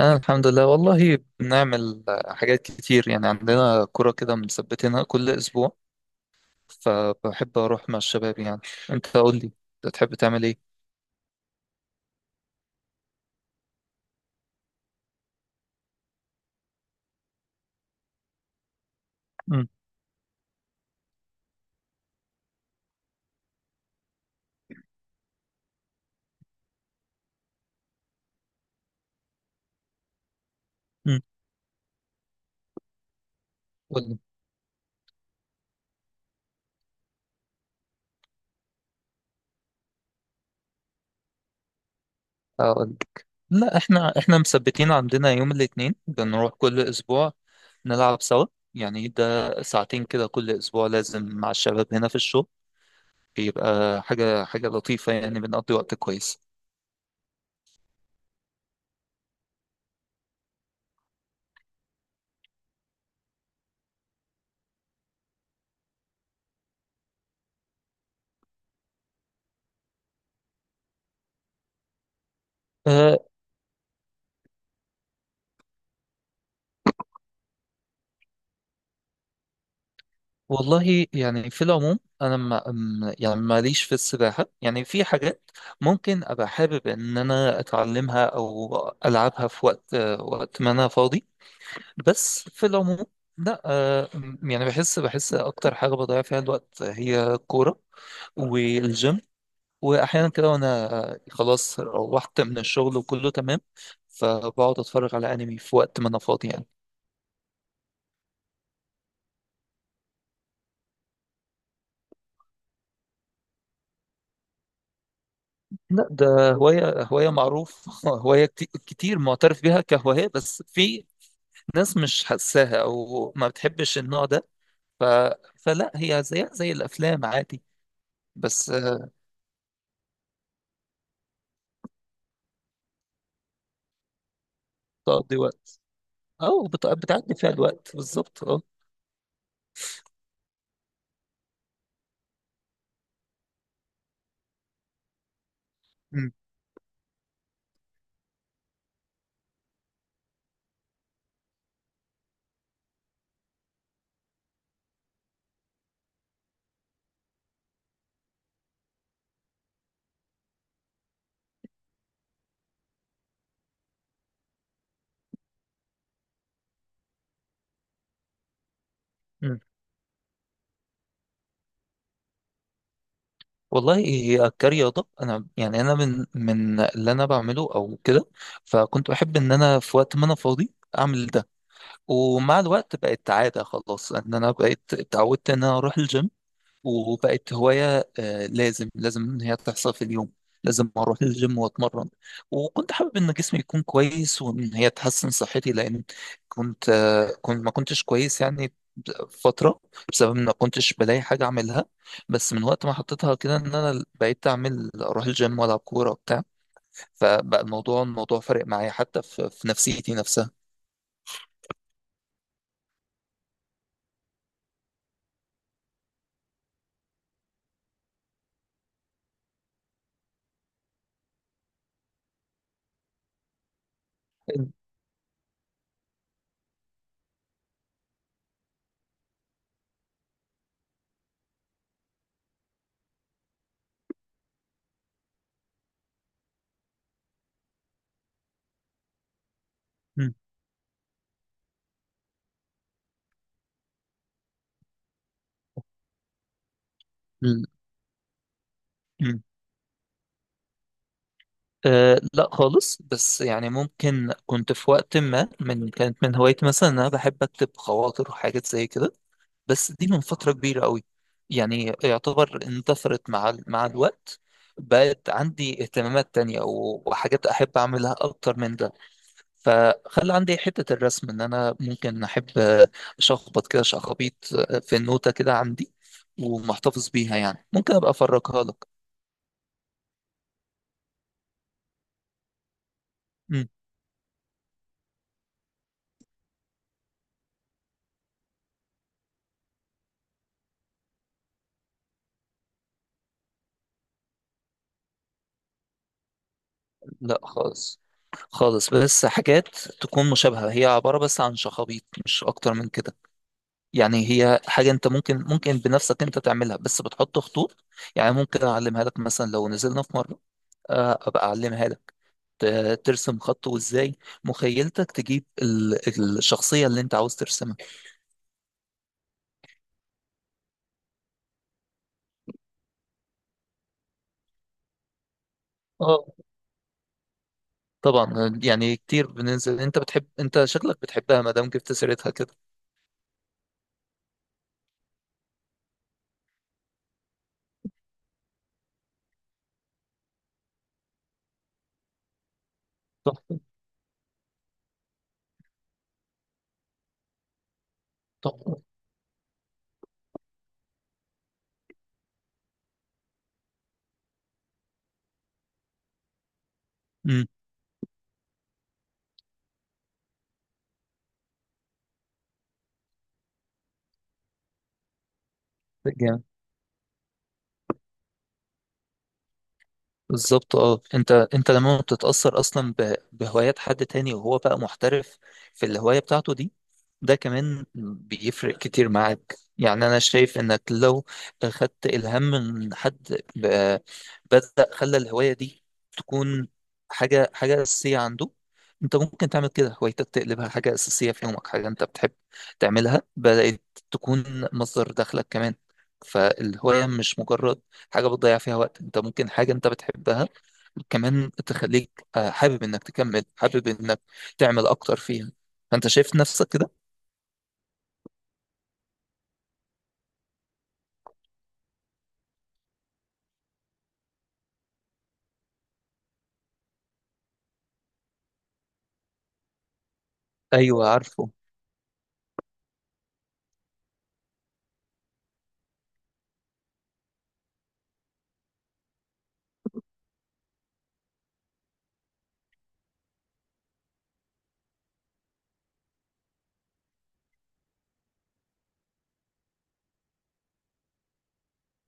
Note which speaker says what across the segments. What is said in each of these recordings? Speaker 1: أنا الحمد لله والله بنعمل حاجات كتير يعني عندنا كرة كده مثبتينها كل أسبوع. فبحب أروح مع الشباب يعني. أنت قول لي، أنت تحب تعمل إيه؟ مم. مم. قول لي أقول لك. لا إحنا مثبتين عندنا يوم الاثنين بنروح كل أسبوع نلعب سوا. يعني ده ساعتين كده كل أسبوع لازم مع الشباب هنا في الشغل. بيبقى حاجة لطيفة يعني بنقضي وقت كويس. آه، والله يعني في العموم انا ما م- يعني ماليش في السباحه، يعني في حاجات ممكن ابقى حابب ان انا اتعلمها او العبها في وقت ما انا فاضي. بس في العموم، لا يعني بحس اكتر حاجه بضيع فيها الوقت هي الكوره والجيم. واحيانا كده وانا خلاص روحت من الشغل وكله تمام، فبقعد اتفرج على انمي في وقت ما انا فاضي يعني. لا ده هواية معروف هواية كتير معترف بيها كهواية، بس في ناس مش حاساها أو ما بتحبش النوع ده. ف... فلا هي زيها زي الأفلام عادي. بس بتقضي وقت، أو بتعدي فيها الوقت بالظبط أه. أمم، أمم. والله هي كرياضة أنا، يعني أنا من اللي أنا بعمله أو كده، فكنت بحب إن أنا في وقت ما أنا فاضي أعمل ده. ومع الوقت بقت عادة خلاص، إن أنا بقيت اتعودت إن أنا أروح الجيم، وبقت هواية. لازم إن هي تحصل في اليوم، لازم أروح الجيم وأتمرن. وكنت حابب إن جسمي يكون كويس وإن هي تحسن صحتي، لأن كنت كنت ما كنتش كويس يعني فترة، بسبب إن ما كنتش بلاقي حاجة أعملها. بس من وقت ما حطيتها كده إن أنا بقيت أعمل أروح الجيم وألعب كورة وبتاع، فبقى الموضوع فارق معايا حتى في نفسيتي نفسها. م- م- م- أه لا خالص. بس يعني ممكن كنت في وقت ما، من كانت من هوايتي مثلا إن انا بحب اكتب خواطر وحاجات زي كده. بس دي من فترة كبيرة قوي، يعني يعتبر اندثرت مع مع الوقت. بقت عندي اهتمامات تانية وحاجات احب اعملها اكتر من ده. فخلى عندي حتة الرسم، ان انا ممكن احب اشخبط كده شخابيط، في النوتة كده عندي ومحتفظ بيها، يعني ممكن ابقى افرجها لك. لا خالص خالص، بس حاجات تكون مشابهة، هي عبارة بس عن شخابيط مش أكتر من كده. يعني هي حاجة أنت ممكن بنفسك أنت تعملها بس بتحط خطوط. يعني ممكن أعلمها لك مثلا لو نزلنا في مرة، أبقى أعلمها لك. ترسم خط، وإزاي مخيلتك تجيب الشخصية اللي أنت عاوز ترسمها. اه طبعا يعني كتير بننزل. أنت بتحب، أنت شكلك بتحبها ما دام جبت سيرتها كده. تحفة. تحفة. امم، بالظبط. اه انت لما بتتأثر اصلا بهوايات حد تاني وهو بقى محترف في الهواية بتاعته دي، ده كمان بيفرق كتير معاك. يعني انا شايف انك لو خدت الهام من حد بدأ خلى الهواية دي تكون حاجة أساسية عنده، انت ممكن تعمل كده هوايتك تقلبها حاجة أساسية في يومك، حاجة انت بتحب تعملها، بدأت تكون مصدر دخلك كمان. فالهواية مش مجرد حاجة بتضيع فيها وقت، انت ممكن حاجة انت بتحبها كمان تخليك حابب انك تكمل، حابب انك تعمل اكتر فيها. فانت شايف نفسك كده؟ ايوه عارفه.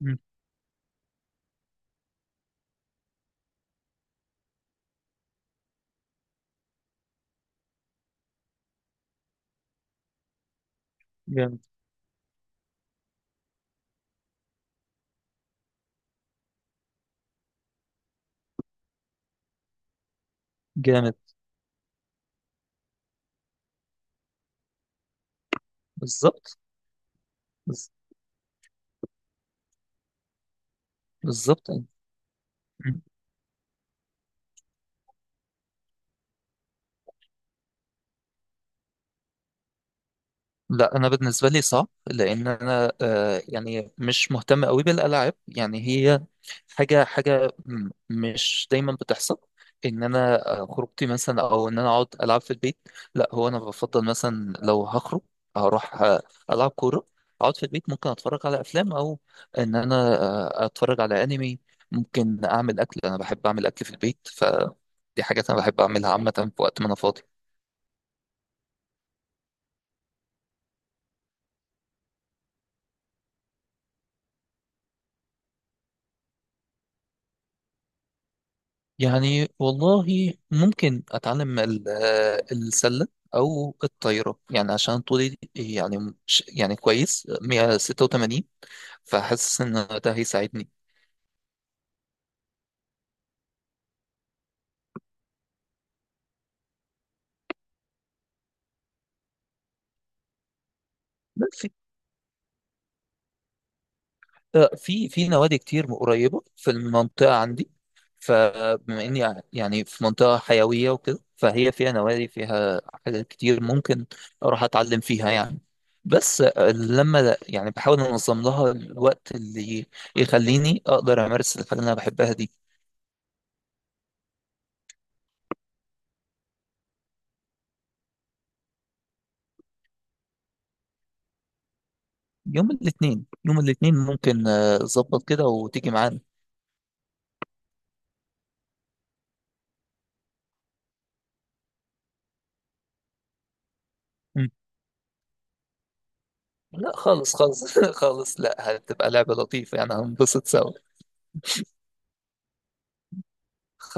Speaker 1: مم. جامد. جامد، بالظبط. بز- بالظبط. لا انا بالنسبه لي صعب، لان انا آه يعني مش مهتم قوي بالالعاب. يعني هي مش دايما بتحصل ان انا خروجتي مثلا او ان انا اقعد العب في البيت. لا هو انا بفضل مثلا لو هخرج هروح العب كوره. اقعد في البيت ممكن اتفرج على افلام او ان انا اتفرج على انمي. ممكن اعمل اكل، انا بحب اعمل اكل في البيت، فدي حاجات انا بحب اعملها عامه في وقت ما انا فاضي. يعني والله ممكن اتعلم السله او الطايره، يعني عشان طولي يعني يعني كويس 186، فحاسس ان ده هيساعدني. في في نوادي كتير قريبة في المنطقة عندي، فبما إني يعني في منطقة حيوية وكده، فهي فيها نوادي، فيها حاجات كتير ممكن أروح أتعلم فيها يعني. بس لما يعني بحاول أنظم لها الوقت اللي يخليني أقدر أمارس الحاجة اللي أنا بحبها دي. يوم الاثنين، يوم الاثنين ممكن أظبط كده وتيجي معانا. مم. لا خالص خالص خالص، لا هتبقى لعبة لطيفة يعني هنبسط سوا.